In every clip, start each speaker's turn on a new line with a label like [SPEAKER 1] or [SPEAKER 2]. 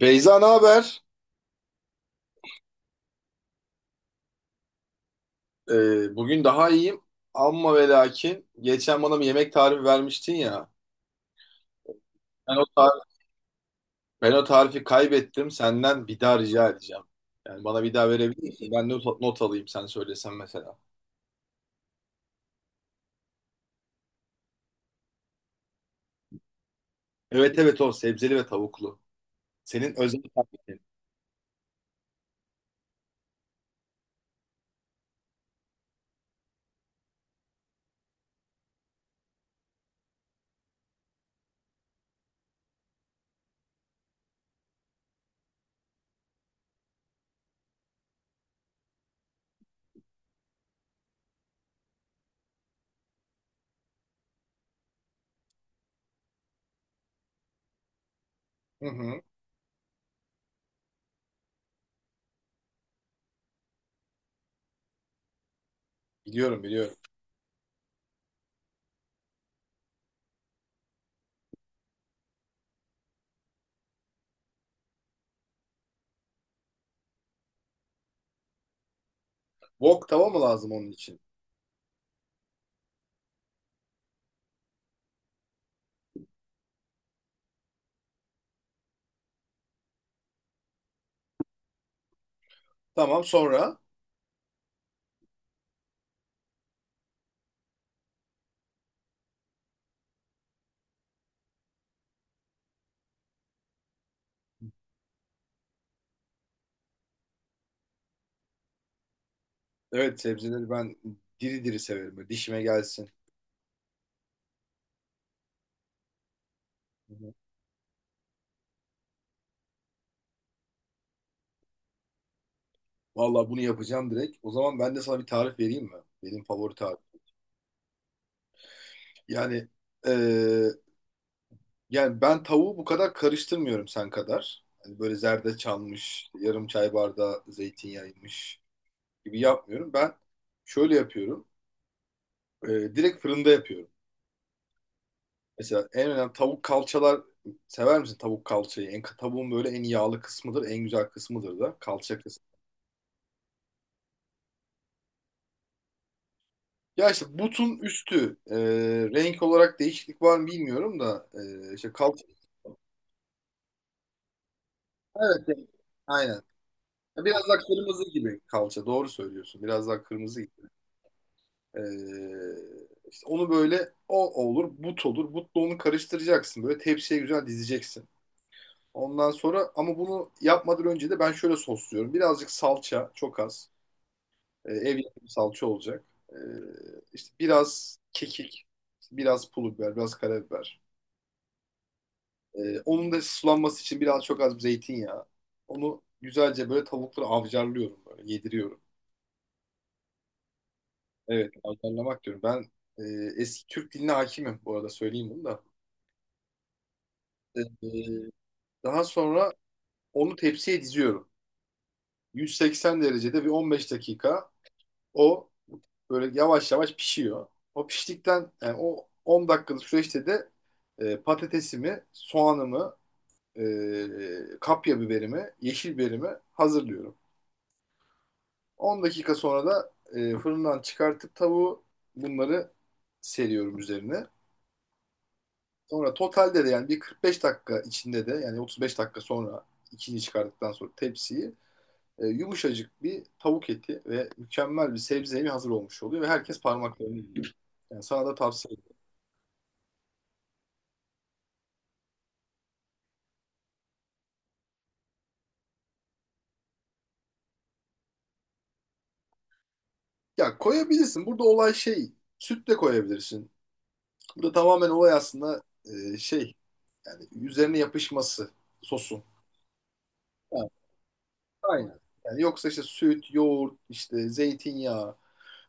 [SPEAKER 1] Beyza ne haber? Bugün daha iyiyim. Amma ve lakin geçen bana bir yemek tarifi vermiştin ya. Ben o, tar- ben o tarifi kaybettim. Senden bir daha rica edeceğim. Yani bana bir daha verebilir misin? Ben not alayım sen söylesen mesela. Evet, evet, o sebzeli ve tavuklu. Senin özel tarifin. Hı hı. Biliyorum, biliyorum. Wok tava mı lazım onun için? Tamam, sonra. Evet, sebzeleri ben diri diri severim. Böyle dişime gelsin. Hı hı. Vallahi bunu yapacağım direkt. O zaman ben de sana bir tarif vereyim mi? Benim favori tarif. Yani eee, yani ben tavuğu bu kadar karıştırmıyorum sen kadar. Hani böyle zerdeçalmış, yarım çay bardağı zeytinyağıymış gibi yapmıyorum. Ben şöyle yapıyorum. Direkt fırında yapıyorum. Mesela en önemli tavuk kalçalar, sever misin tavuk kalçayı? Tavuğun böyle en yağlı kısmıdır, en güzel kısmıdır da kalça kısmı. Ya işte butun üstü renk olarak değişiklik var mı bilmiyorum da işte kalça. Evet, evet, aynen. Biraz daha kırmızı gibi kalça. Doğru söylüyorsun. Biraz daha kırmızı gibi. Ee, işte onu böyle, o olur, but olur. Butla onu karıştıracaksın. Böyle tepsiye güzel dizeceksin. Ondan sonra, ama bunu yapmadan önce de ben şöyle sosluyorum. Birazcık salça, çok az. Ev yapımı salça olacak. Ee, işte biraz kekik, biraz pul biber, biraz karabiber. Onun da sulanması için biraz çok az zeytinyağı. Onu güzelce böyle tavukları avcarlıyorum böyle, yediriyorum. Evet, ayarlamak diyorum. Ben e, eski Türk diline hakimim, bu arada söyleyeyim bunu da. E, e, daha sonra onu tepsiye diziyorum. 180 derecede bir 15 dakika o böyle yavaş yavaş pişiyor. O piştikten, yani o 10 dakikalık süreçte de patatesimi, soğanımı, kapya biberimi, yeşil biberimi hazırlıyorum. 10 dakika sonra da fırından çıkartıp tavuğu bunları seriyorum üzerine. Sonra totalde de, yani bir 45 dakika içinde de, yani 35 dakika sonra içini çıkardıktan sonra tepsiyi, yumuşacık bir tavuk eti ve mükemmel bir sebze yemi hazır olmuş oluyor ve herkes parmaklarını yiyor. Yani sana da tavsiye ederim. Ya, koyabilirsin. Burada olay şey, süt de koyabilirsin. Burada tamamen olay aslında şey, üzerine yapışması sosun. Yani aynen. Yani yoksa işte süt, yoğurt, işte zeytinyağı,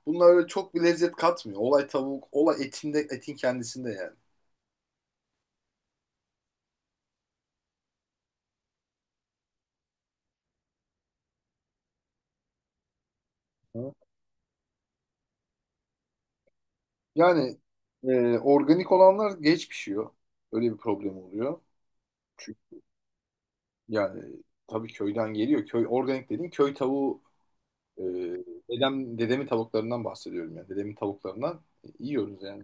[SPEAKER 1] bunlar öyle çok bir lezzet katmıyor. Olay tavuk, olay etinde, etin kendisinde yani. Yani organik olanlar geç pişiyor. Öyle bir problem oluyor. Çünkü yani tabii köyden geliyor. Köy, organik dediğin köy tavuğu, e, dedemin tavuklarından bahsediyorum yani. Dedemin tavuklarından yiyoruz yani.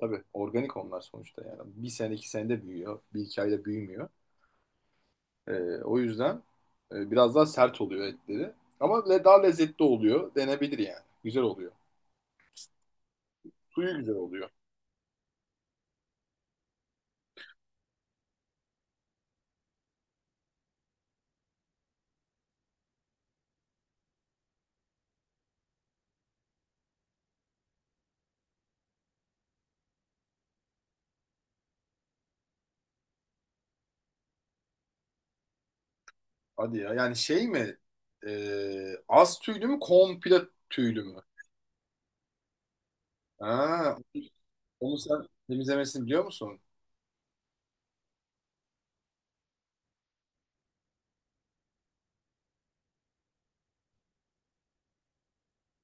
[SPEAKER 1] Tabii organik onlar sonuçta yani. Bir sene iki senede büyüyor. Bir iki ayda büyümüyor. E, o yüzden biraz daha sert oluyor etleri. Ama daha lezzetli oluyor. Denebilir yani. Güzel oluyor. Suyu güzel oluyor. Hadi ya. Yani şey mi? Az tüylü mü? Komple tüylü mü? Ha, onu sen temizlemesini biliyor musun?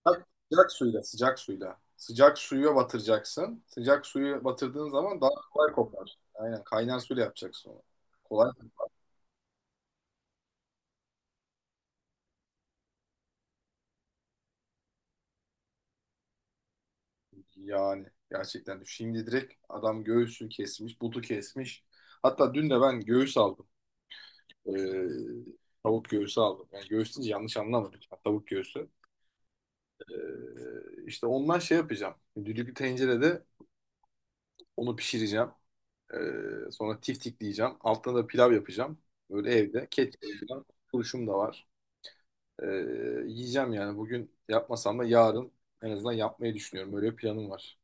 [SPEAKER 1] Sıcak suyla, sıcak suyla. Sıcak suya batıracaksın. Sıcak suyu batırdığın zaman daha kolay kopar. Aynen, kaynar suyla yapacaksın onu. Kolay yani, gerçekten. Şimdi direkt adam göğsü kesmiş, butu kesmiş. Hatta dün de ben göğüs aldım. Ee, tavuk göğsü aldım. Yani göğüs deyince yanlış anlamadım. Tavuk göğsü. İşte ondan şey yapacağım. Düdüklü tencerede onu pişireceğim. Sonra tiftikleyeceğim. Altına da pilav yapacağım. Böyle evde. Ketçap falan. Turşum da var. Ee, yiyeceğim yani. Bugün yapmasam da yarın en azından yapmayı düşünüyorum. Böyle bir planım var.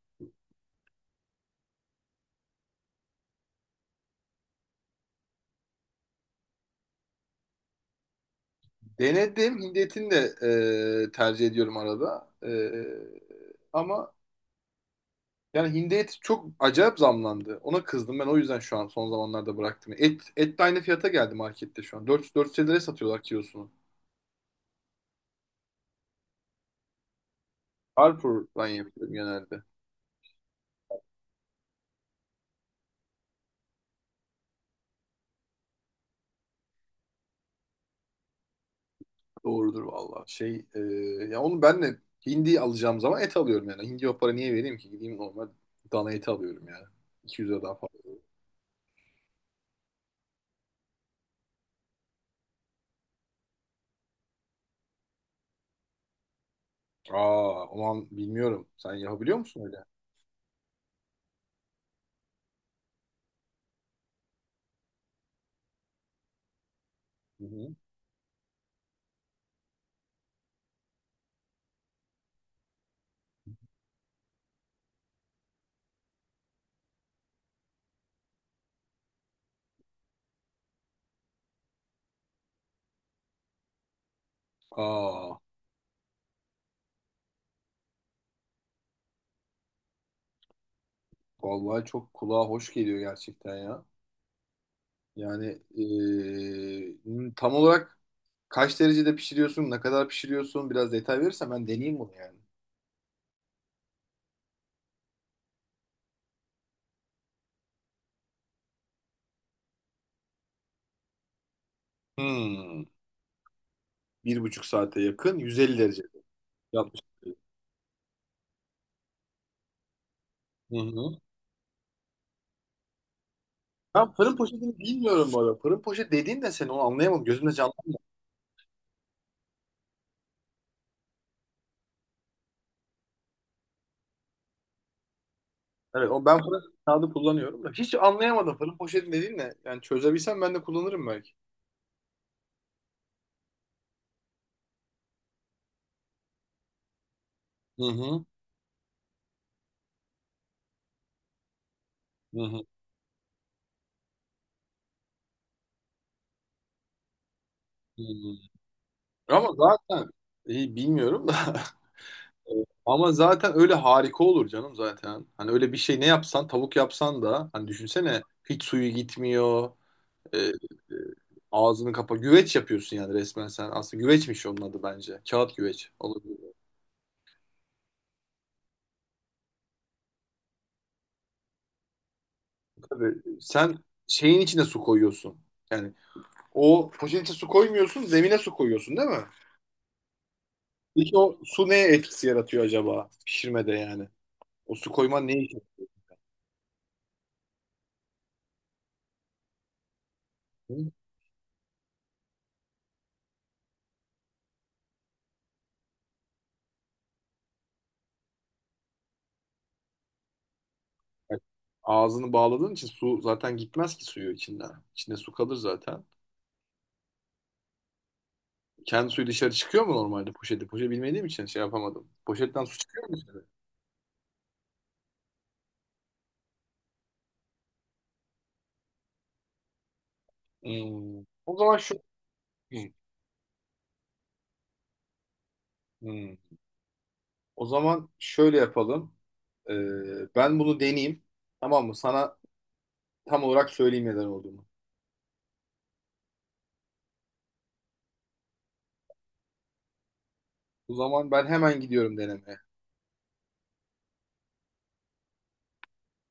[SPEAKER 1] Denedim. Hindi etini de tercih ediyorum arada. Ama yani hindi eti çok acayip zamlandı. Ona kızdım, ben o yüzden şu an son zamanlarda bıraktım. Et de aynı fiyata geldi markette şu an. 400-450 liraya satıyorlar kilosunu. Carrefour'dan yapıyorum genelde. Doğrudur valla. Ya onu ben de hindi alacağım zaman et alıyorum yani. Hindi, o para niye vereyim ki? Gideyim normal dana eti alıyorum yani. 200'e daha fazla. Aa aman, bilmiyorum. Sen yapabiliyor musun öyle? Hı hı. Aa, vallahi çok kulağa hoş geliyor gerçekten ya. Yani tam olarak kaç derecede pişiriyorsun, ne kadar pişiriyorsun, biraz detay verirsen ben deneyeyim bunu yani. Hmm, bir buçuk saate yakın 150 derece yapmış. Hı hı. Ben fırın poşetini bilmiyorum bu arada. Fırın poşet dediğin de seni, onu anlayamadım. Gözümde canlandı. Evet, o ben fırın kağıdı kullanıyorum da. Hiç anlayamadım, fırın poşeti dediğin ne? Yani çözebilsem ben de kullanırım belki. Hı hı. Hı hı. Hı hı. Ama zaten iyi bilmiyorum da. Ama zaten öyle harika olur canım zaten. Hani öyle bir şey, ne yapsan, tavuk yapsan da, hani düşünsene, hiç suyu gitmiyor. e, e, ağzını kapa. Güveç yapıyorsun yani, resmen sen. Aslında güveçmiş onun adı bence. Kağıt güveç. Tabii sen şeyin içine su koyuyorsun. Yani o poşetin içine su koymuyorsun, zemine su koyuyorsun, değil mi? Peki o su neye etkisi yaratıyor acaba pişirmede yani? O su koyman ne için? Ağzını bağladığın için su zaten gitmez ki suyu içinden. İçinde su kalır zaten. Kendi suyu dışarı çıkıyor mu normalde poşeti? Poşet bilmediğim için şey yapamadım. Poşetten su çıkıyor mu dışarı? Hmm. O zaman şu Hmm. Hmm. O zaman şöyle yapalım. Ben bunu deneyeyim. Tamam mı? Sana tam olarak söyleyeyim neden olduğunu. O zaman ben hemen gidiyorum denemeye.